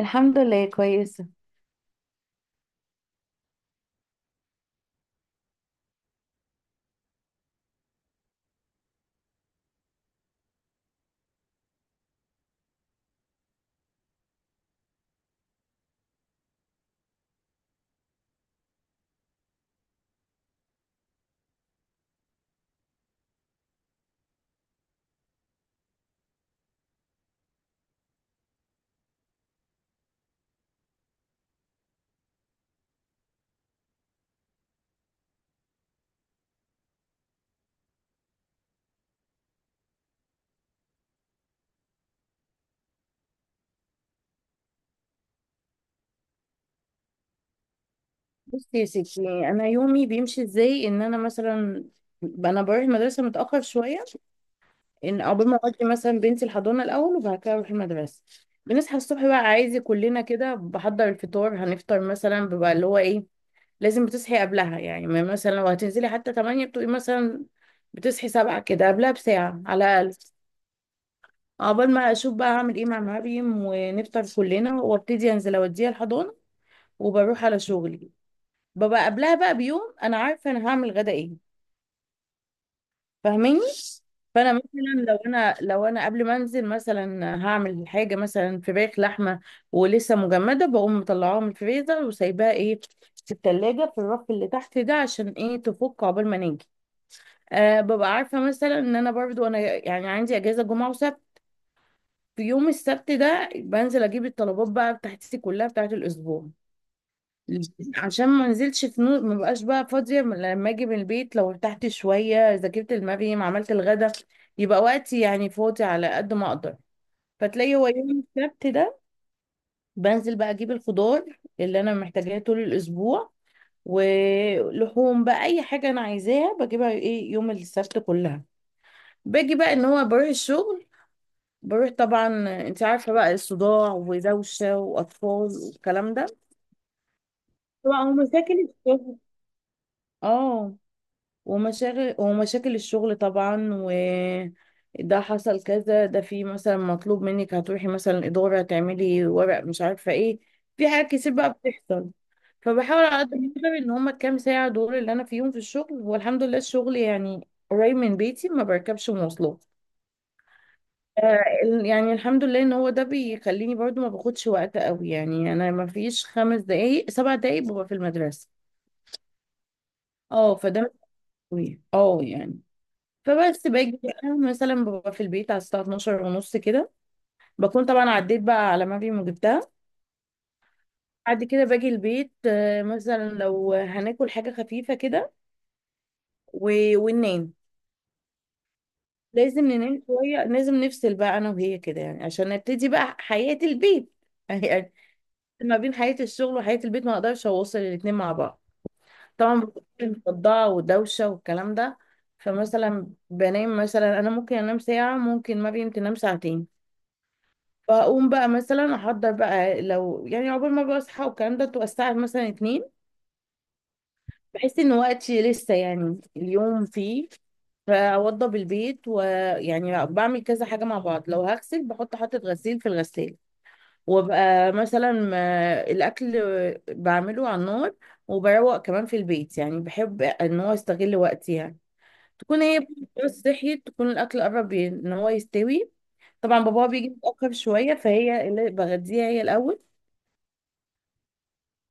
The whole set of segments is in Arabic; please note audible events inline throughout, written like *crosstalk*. الحمد لله كويسة. بصي يا ستي، انا يومي بيمشي ازاي؟ ان انا مثلا انا بروح المدرسه متاخر شويه، ان عقبال ما اودي مثلا بنتي الحضانه الاول وبعد كده اروح المدرسه. بنصحى الصبح بقى، عايزه كلنا كده بحضر الفطار، هنفطر مثلا، بيبقى اللي هو ايه لازم بتصحي قبلها، يعني ما مثلا لو هتنزلي حتى 8 بتبقي مثلا بتصحي 7 كده قبلها بساعه على الاقل. عقبال ما اشوف بقى هعمل ايه مع مريم ونفطر كلنا وابتدي انزل اوديها الحضانه وبروح على شغلي. ببقى قبلها بقى بيوم انا عارفه انا هعمل غدا ايه. فاهماني؟ فانا مثلا لو انا قبل ما انزل مثلا هعمل حاجه مثلا فراخ لحمه ولسه مجمده، بقوم مطلعاها من الفريزر وسايباها ايه في التلاجة في الرف اللي تحت ده عشان ايه تفك عقبال ما نيجي. أه ببقى عارفه مثلا ان انا برضو انا يعني عندي اجازه جمعه وسبت. في يوم السبت ده بنزل اجيب الطلبات بقى بتاعتي كلها بتاعت الاسبوع، عشان ما نزلتش في نور ما بقاش بقى فاضية لما اجي من البيت لو ارتحت شوية ذاكرت المريم عملت الغدا، يبقى وقتي يعني فاضي على قد ما اقدر. فتلاقي هو يوم السبت ده بنزل بقى اجيب الخضار اللي انا محتاجاه طول الاسبوع ولحوم بقى، اي حاجة انا عايزاها بجيبها ايه يوم السبت كلها. باجي بقى ان هو بروح الشغل، بروح طبعا. انت عارفة بقى الصداع ودوشة واطفال والكلام ده. طبعا هم ساكن الشغل، اه، ومشاغل ومشاكل الشغل طبعا، و ده حصل كذا ده في مثلا مطلوب منك هتروحي مثلا إدارة تعملي ورق، مش عارفة ايه، في حاجات كتير بقى بتحصل. فبحاول على قد ما اقدر ان هما الكام ساعة دول اللي انا فيهم في الشغل، والحمد لله الشغل يعني قريب من بيتي ما بركبش مواصلات. آه، يعني الحمد لله ان هو ده بيخليني برضو ما باخدش وقت قوي، يعني انا ما فيش 5 دقايق 7 دقايق ببقى في المدرسة. اه فده مش قوي اه يعني. فبس باجي بقى مثلا ببقى في البيت على الساعة 12 ونص كده. بكون طبعا عديت بقى على ما جبتها. بعد كده باجي البيت، آه، مثلا لو هناكل حاجة خفيفة كده و- وننام. لازم ننام شوية، لازم نفصل بقى أنا وهي كده يعني عشان نبتدي بقى حياة البيت *laughs* يعني، ما بين حياة الشغل وحياة البيت، ما أقدرش أوصل الاتنين مع بعض. طبعا بكون مصدعة ودوشة والكلام ده. فمثلا بنام مثلا أنا ممكن أنام ساعة، ممكن ما بنت تنام ساعتين. بقوم بقى مثلا احضر بقى، لو يعني عقبال ما بقى اصحى والكلام ده تبقى الساعه مثلا اتنين. بحس ان وقتي لسه يعني اليوم فيه، فاوضب البيت ويعني بعمل كذا حاجه مع بعض، لو هغسل بحط حاطه غسيل في الغساله، وابقى مثلا الاكل بعمله على النار، وبروق كمان في البيت، يعني بحب ان هو استغل وقتي يعني. تكون هي بس صحيت تكون الاكل قرب ان هو يستوي. طبعا بابا بيجي متاخر شويه، فهي اللي بغديها هي الاول.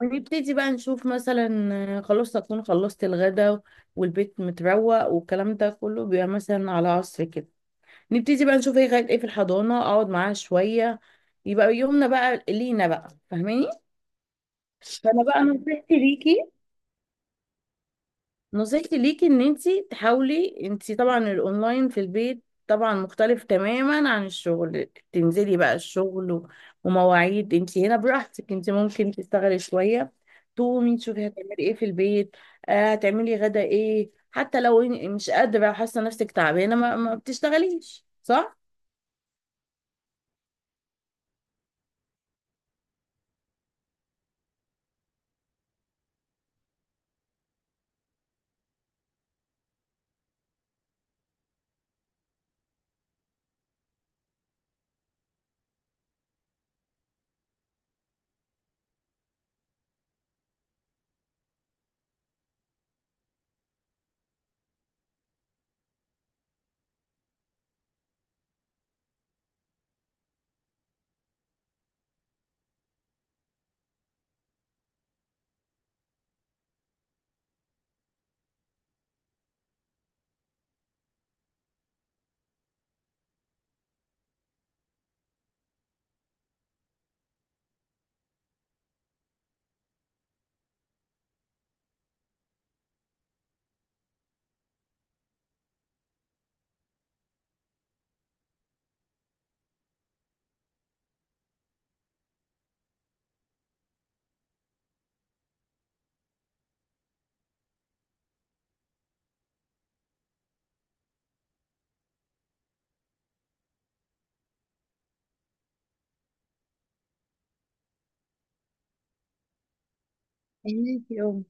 ونبتدي بقى نشوف مثلا، آه، خلاص أكون خلصت الغدا والبيت متروق والكلام ده كله، بيبقى مثلا على عصر كده. نبتدي بقى نشوف هي غاية ايه في الحضانة، اقعد معاها شوية، يبقى يومنا بقى لينا بقى. فاهماني؟ فانا بقى نصيحتي ليكي، نصيحتي ليكي ان انتي تحاولي، انتي طبعا الاونلاين في البيت طبعا مختلف تماما عن الشغل. تنزلي بقى الشغل و- ومواعيد انتي هنا براحتك، انتي ممكن تشتغلي شوية تقومي تشوفي هتعملي ايه في البيت، آه هتعملي غدا ايه. حتى لو مش قادرة وحاسة نفسك تعبانة ما بتشتغليش صح؟ فهميكي اه.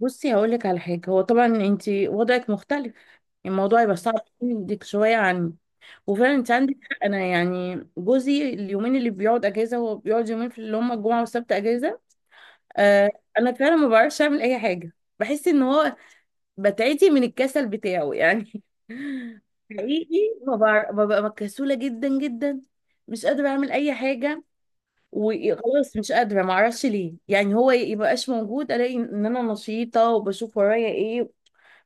بصي هقولك على حاجة، هو طبعا انتي وضعك مختلف، الموضوع يبقى صعب عندك شوية عن، وفعلا انت عندك حق. انا يعني جوزي اليومين اللي بيقعد اجازه هو بيقعد يومين في اللي هم الجمعه والسبت اجازه. آه، انا فعلا ما بعرفش اعمل اي حاجه، بحس ان هو بتعتي من الكسل بتاعه يعني. *laughs* حقيقي ما بعرف، ببقى كسوله جدا جدا، مش قادره اعمل اي حاجه، وخلاص مش قادره ما اعرفش ليه. يعني هو يبقاش موجود الاقي ان انا نشيطه وبشوف ورايا ايه،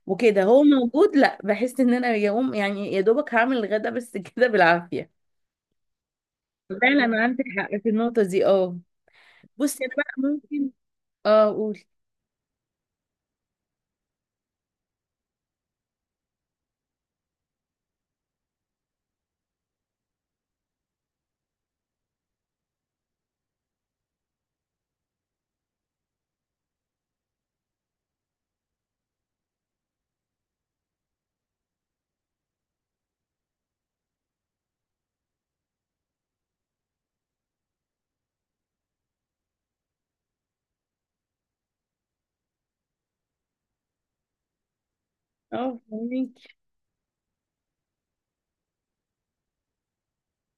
وكده هو موجود لا، بحس ان انا يوم يعني يا دوبك هعمل الغدا بس *laughs* كده بالعافيه. فعلا عندك حق في النقطة دي اه. بصي انا بقى ممكن، اه قولي. اه فهميك.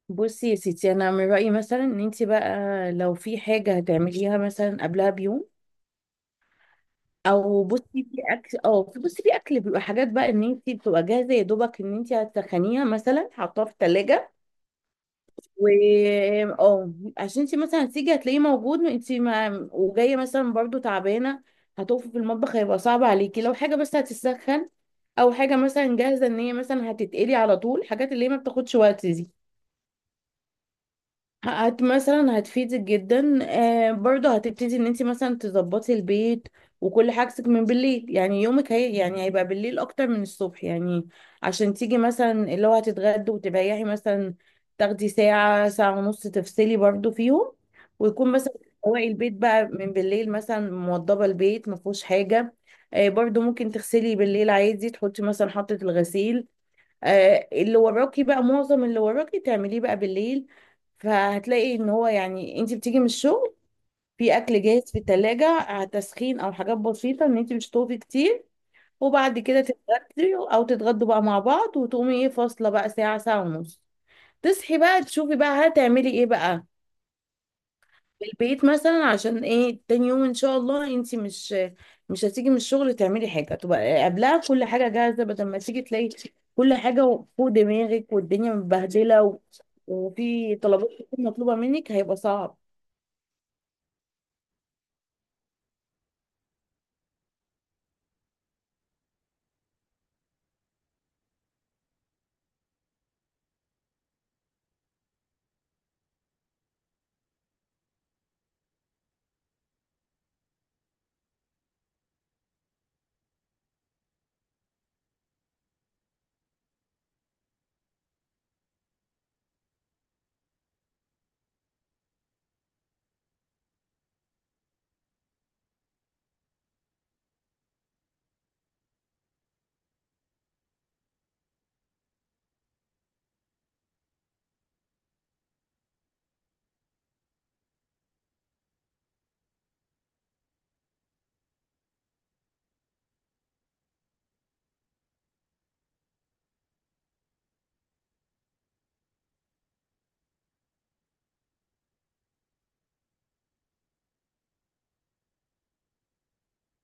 بصي يا ستي، انا من رأيي مثلا ان انت بقى لو في حاجة هتعمليها مثلا قبلها بيوم، او بصي في اكل، اه، بصي في اكل بيبقى حاجات بقى ان انت بتبقى جاهزة يا دوبك ان انت هتسخنيها مثلا، حطها في التلاجة، و اه، عشان انت مثلا هتيجي هتلاقيه موجود، انت ما وجايه مثلا برضو تعبانه، هتقفي في المطبخ هيبقى صعب عليكي. لو حاجه بس هتسخن او حاجه مثلا جاهزه ان هي مثلا هتتقلي على طول، حاجات اللي هي ما بتاخدش وقت دي، مثلا هتفيدك جدا. آه برضه هتبتدي ان انت مثلا تظبطي البيت وكل حاجتك من بالليل، يعني يومك هي يعني هيبقى بالليل اكتر من الصبح يعني، عشان تيجي مثلا اللي هو هتتغدي وتريحي مثلا، تاخدي ساعة ساعة ونص تفصلي برضه فيهم، ويكون مثلا تروقي البيت بقى من بالليل، مثلا موضبة البيت ما فيهوش حاجة. آه برضه ممكن تغسلي بالليل عادي، تحطي مثلا حطة الغسيل، آه، اللي وراكي بقى معظم اللي وراكي تعمليه بقى بالليل. فهتلاقي ان هو يعني انت بتيجي من الشغل في اكل جاهز في التلاجة على تسخين او حاجات بسيطة ان انت مش تطوفي كتير، وبعد كده تتغدي او تتغدوا بقى مع بعض، وتقومي ايه فاصلة بقى ساعة ساعة ونص، تصحي بقى تشوفي بقى هتعملي ايه بقى البيت مثلا، عشان ايه تاني يوم ان شاء الله انت مش هتيجي من الشغل تعملي حاجه، تبقى قبلها كل حاجه جاهزه بدل ما تيجي تلاقي كل حاجه فوق دماغك والدنيا متبهدله و... وفي طلبات كتير مطلوبه منك هيبقى صعب.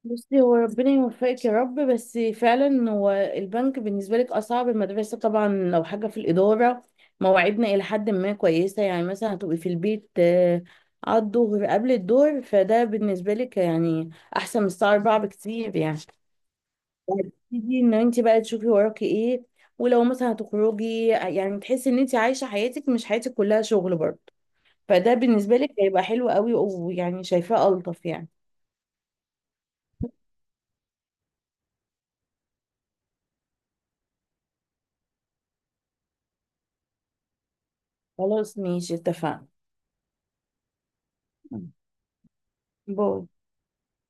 بصي هو ربنا يوفقك يا رب، بس فعلا هو البنك بالنسبة لك أصعب. المدرسة طبعا لو حاجة في الإدارة، مواعيدنا إلى حد ما كويسة يعني، مثلا هتبقي في البيت آه، على الظهر قبل الظهر، فده بالنسبة لك يعني أحسن من الساعة 4 بكتير يعني، تبتدي إن أنت بقى تشوفي وراكي إيه، ولو مثلا هتخرجي يعني تحسي إن أنت عايشة حياتك مش حياتك كلها شغل برضه. فده بالنسبة لك هيبقى حلو قوي، ويعني شايفاه ألطف يعني. خلاص ماشي اتفقنا. باي.